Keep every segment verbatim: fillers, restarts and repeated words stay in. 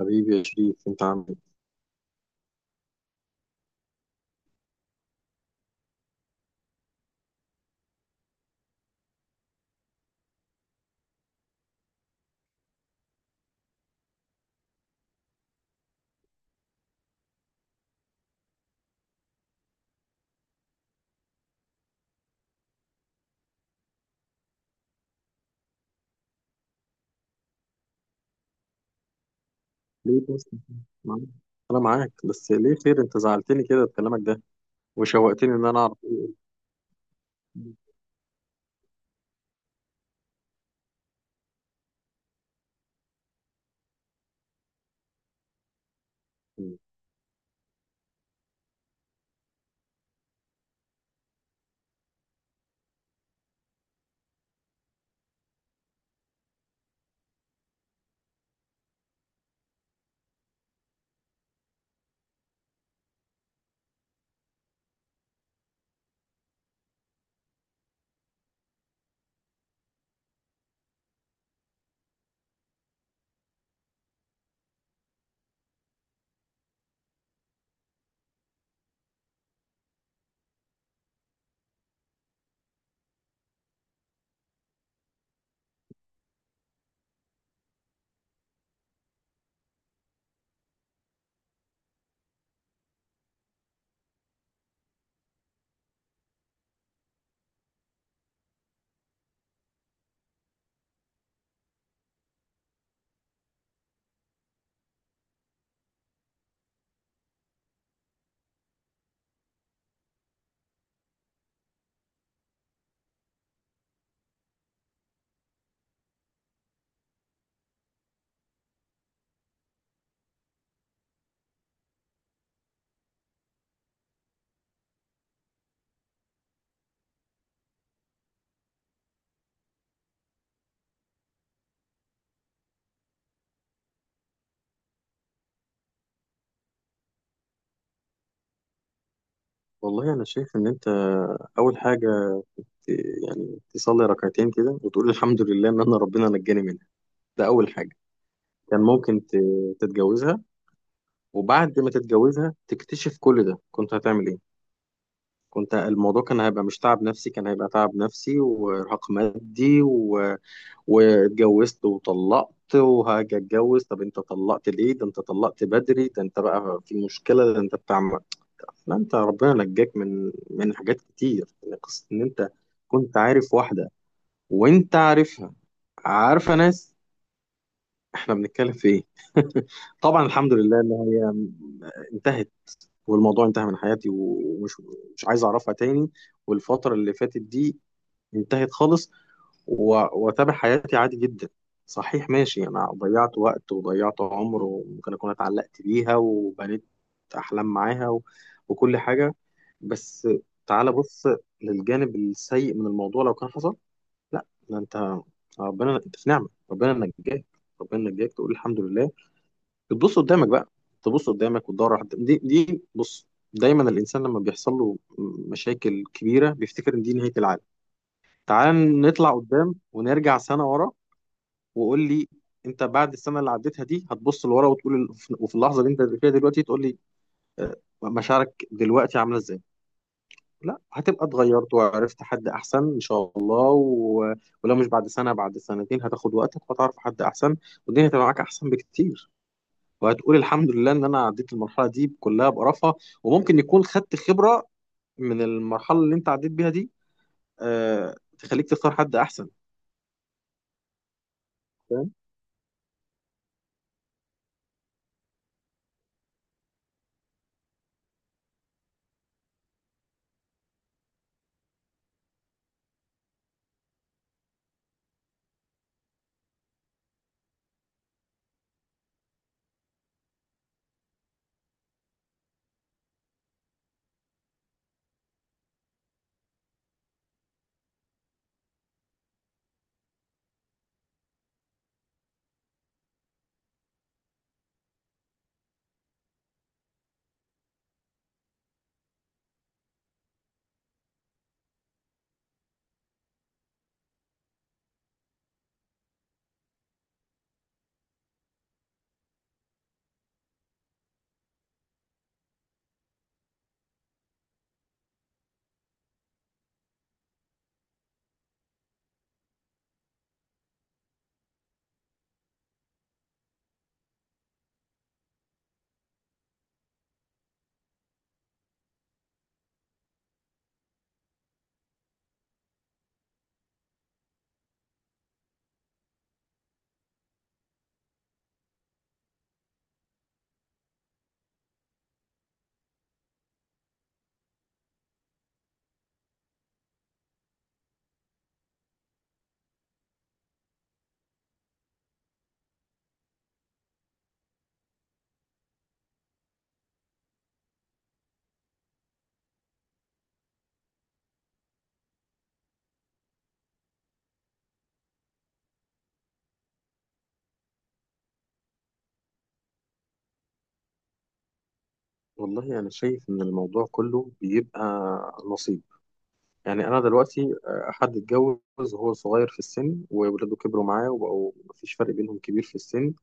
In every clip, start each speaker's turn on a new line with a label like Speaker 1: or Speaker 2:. Speaker 1: حبيبي يا شريف، انت عامل ايه؟ ليه بس معاك؟ انا معاك، بس ليه خير؟ انت زعلتني كده بكلامك ده وشوقتني ان انا اعرف ايه. إيه. والله انا شايف ان انت اول حاجه، ت- يعني تصلي ركعتين كده وتقول الحمد لله ان انا ربنا نجاني منها. ده اول حاجه. كان ممكن ت- تتجوزها وبعد ما تتجوزها تكتشف كل ده، كنت هتعمل ايه؟ كنت الموضوع كان هيبقى مش تعب نفسي، كان هيبقى تعب نفسي وارهاق مادي، واتجوزت وطلقت وهاجي اتجوز. طب انت طلقت ليه؟ ده انت طلقت بدري، ده انت بقى في مشكلة، ده انت بتعمل. لا، انت ربنا نجاك من من حاجات كتير. يعني قصة ان انت كنت عارف واحدة، وانت عارفها، عارفة ناس، احنا بنتكلم في ايه؟ طبعا الحمد لله ان هي انتهت، والموضوع انتهى من حياتي، ومش مش عايز اعرفها تاني، والفترة اللي فاتت دي انتهت خالص، و- واتابع حياتي عادي جدا. صحيح، ماشي، انا ضيعت وقت وضيعت عمر، وممكن اكون اتعلقت بيها وبنيت احلام معاها و... وكل حاجه، بس تعال بص للجانب السيء من الموضوع لو كان حصل. لا، ده انت ربنا، انت في نعمه، ربنا نجاك، ربنا نجاك، تقول الحمد لله. تبص قدامك بقى، تبص قدامك وتدور على- حد. دي دي بص، دايما الانسان لما بيحصل له مشاكل كبيره بيفتكر ان دي نهايه العالم. تعال نطلع قدام، ونرجع سنه ورا، وقول لي، انت بعد السنه اللي عديتها دي هتبص لورا وتقول ال- وفي اللحظه اللي انت فيها دلوقتي تقول لي آه، مشاعرك دلوقتي عامله ازاي. لا، هتبقى اتغيرت وعرفت حد احسن ان شاء الله، و... ولو مش بعد سنه بعد سنتين، هتاخد وقتك وهتعرف حد احسن، والدنيا هتبقى معاك احسن بكتير، وهتقول الحمد لله ان انا عديت المرحله دي كلها بقرفها، وممكن يكون خدت خبره من المرحله اللي انت عديت بيها دي أه... تخليك تختار حد احسن، فاهم. والله انا شايف ان الموضوع كله بيبقى نصيب. يعني انا دلوقتي آه، حد اتجوز وهو صغير في السن وولاده كبروا معاه وبقوا مفيش فرق بينهم كبير في السن،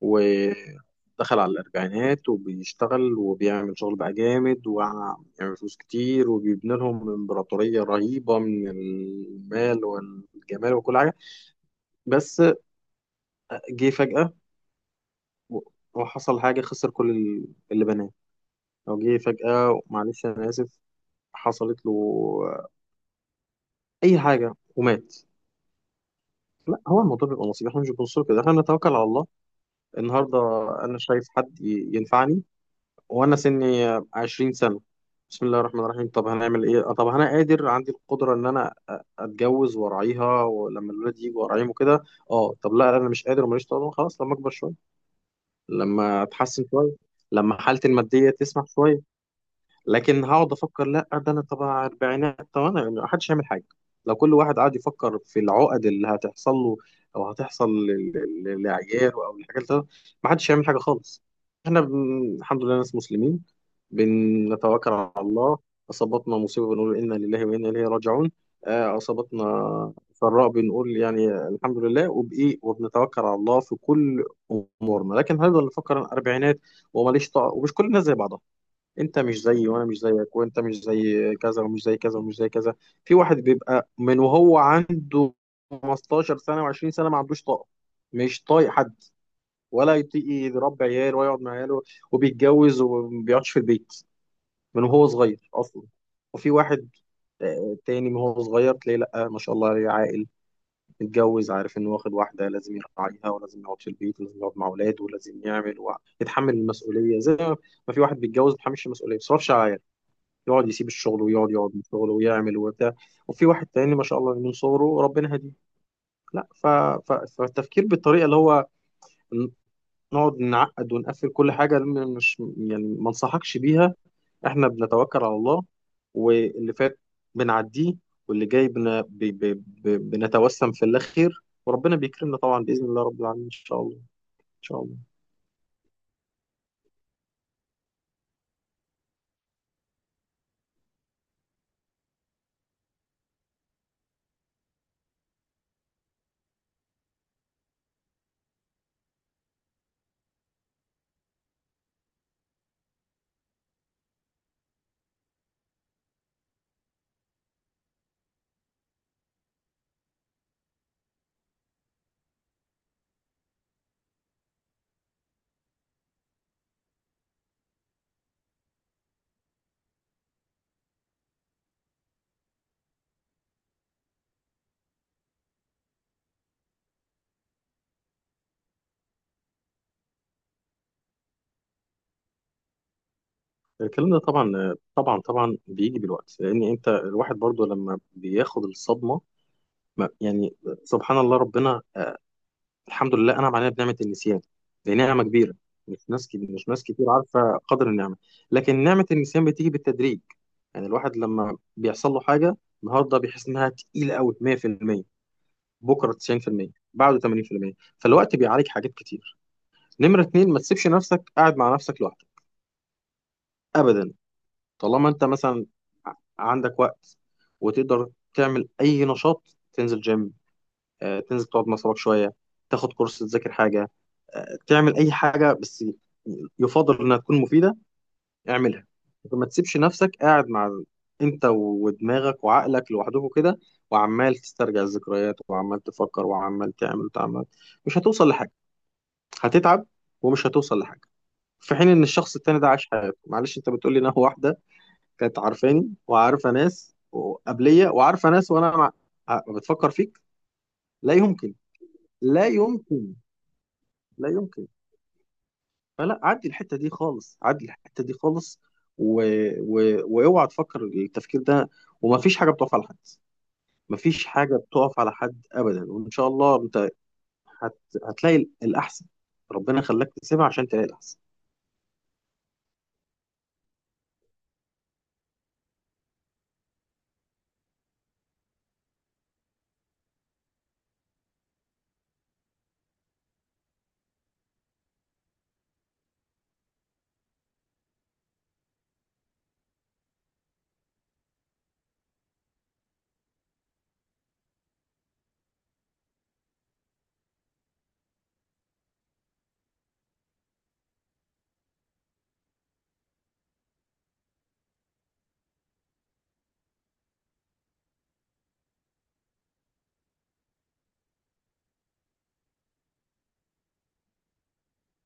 Speaker 1: ودخل على الاربعينات، وبيشتغل وبيعمل شغل بقى جامد ويعمل فلوس كتير، وبيبني لهم امبراطورية رهيبة من المال والجمال وكل حاجة. بس آه، جه فجأة و- وحصل حاجة، خسر كل اللي بناه. أو جه فجأة، معلش أنا آسف، حصلت له آه، أي حاجة ومات. لا، هو الموضوع بيبقى نصيب. احنا مش بنبص كده، احنا بنتوكل على الله. النهارده انا شايف حد ي- ينفعني وانا سني عشرين سنه، بسم الله الرحمن الرحيم، طب هنعمل ايه؟ آه، طب انا قادر، عندي القدره ان انا اتجوز وارعيها ولما الولاد يجوا وارعيهم وكده. اه، طب لا، انا مش قادر وماليش طاقه، خلاص لما اكبر شويه، لما اتحسن شويه، لما حالتي الماديه تسمح شويه. لكن هقعد افكر؟ لا، ده انا طبعا اربعينات، طب انا يعني محدش هيعمل حاجه. لو كل واحد قعد يفكر في العقد اللي هتحصل له او هتحصل ل- ل- لعياله او الحاجات دي، محدش هيعمل حاجه خالص. احنا بن... الحمد لله ناس مسلمين، بنتوكل على الله. اصابتنا مصيبه بنقول انا لله وانا اليه راجعون. آه، اصابتنا سراء بنقول يعني الحمد لله، وبايه، وبنتوكل على الله في كل امورنا. لكن هنفضل نفكر أنا اربعينات وماليش طاقه؟ ومش كل الناس زي بعضها. انت مش زيي، وانا مش زيك، وانت مش زي كذا ومش زي كذا ومش زي كذا. في واحد بيبقى من وهو عنده خمستاشر سنه و20 سنه ما عندوش طاقه، مش طايق حد، ولا يطيق يربي عيال، ولا يقعد مع عياله، وبيتجوز وما بيقعدش في البيت من وهو صغير اصلا. وفي واحد آه، تاني من وهو صغير تلاقيه، لا ما شاء الله عليه عاقل، متجوز، عارف انه واخد واحده لازم يراعيها، ولازم يقعد في البيت، ولازم يقعد مع اولاده، ولازم يعمل ويتحمل المسؤوليه زي ما. ما في واحد بيتجوز ما بيتحملش المسؤوليه، ما بيصرفش على، يقعد يسيب الشغل، ويقعد يقعد من شغله ويعمل وبتاع. وفي واحد تاني ما شاء الله من صغره ربنا هديه. لا، ف... ف... فالتفكير بالطريقه اللي هو ن- نقعد نعقد ونقفل كل حاجه، م- مش يعني ما انصحكش بيها. احنا بنتوكل على الله، واللي فات بنعديه، واللي جاي بن... ب... ب... ب... بنتوسم في الله خير، وربنا بيكرمنا طبعا باذن الله رب العالمين ان شاء الله. ان شاء الله. الكلام ده طبعا طبعا طبعا بيجي بالوقت، لان انت الواحد برضو لما بياخد الصدمه، ما- يعني سبحان الله، ربنا الحمد لله انعم علينا بنعمه النسيان، دي نعمه كبيره. مش ناس كتير، مش ناس كتير عارفه قدر النعمه، لكن نعمه النسيان بتيجي بالتدريج. يعني الواحد لما بيحصل له حاجه النهارده بيحس انها تقيله قوي مية في المية، بكره تسعين في المية، بعده تمانين في المية، فالوقت بيعالج حاجات كتير. نمره اتنين، ما تسيبش نفسك قاعد مع نفسك لوحدك ابدا. طالما انت مثلا ع- عندك وقت، وتقدر تعمل اي نشاط، تنزل جيم، آه، تنزل تقعد مع صحابك شويه، تاخد كورس، تذاكر حاجه، آه، تعمل اي حاجه بس يفضل انها تكون مفيده، اعملها. ما تسيبش نفسك قاعد مع انت ودماغك وعقلك لوحدكم كده، وعمال تسترجع الذكريات وعمال تفكر وعمال تعمل وتعمل. مش هتوصل لحاجه، هتتعب ومش هتوصل لحاجه. في حين ان الشخص التاني ده عاش حياته، معلش انت بتقول لي ان هو واحده كانت عارفاني وعارفه ناس قبليه وعارفه ناس، وانا مع... آه، بتفكر فيك؟ لا يمكن، لا يمكن، لا يمكن. فلا، عدي الحته دي خالص، عدي الحته دي خالص، و... و... واوعى تفكر التفكير ده. وما فيش حاجه بتقف على حد، ما فيش حاجه بتقف على حد ابدا، وان شاء الله انت هت... هتلاقي ال- الاحسن. ربنا خلاك تسيبها عشان تلاقي الاحسن.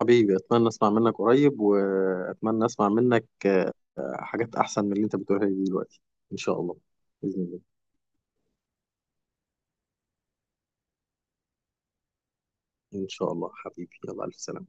Speaker 1: حبيبي، اتمنى اسمع منك قريب، واتمنى اسمع منك آه، حاجات احسن من اللي انت بتقولها لي دلوقتي ان شاء الله. باذن الله، ان شاء الله حبيبي، يلا الف سلامه.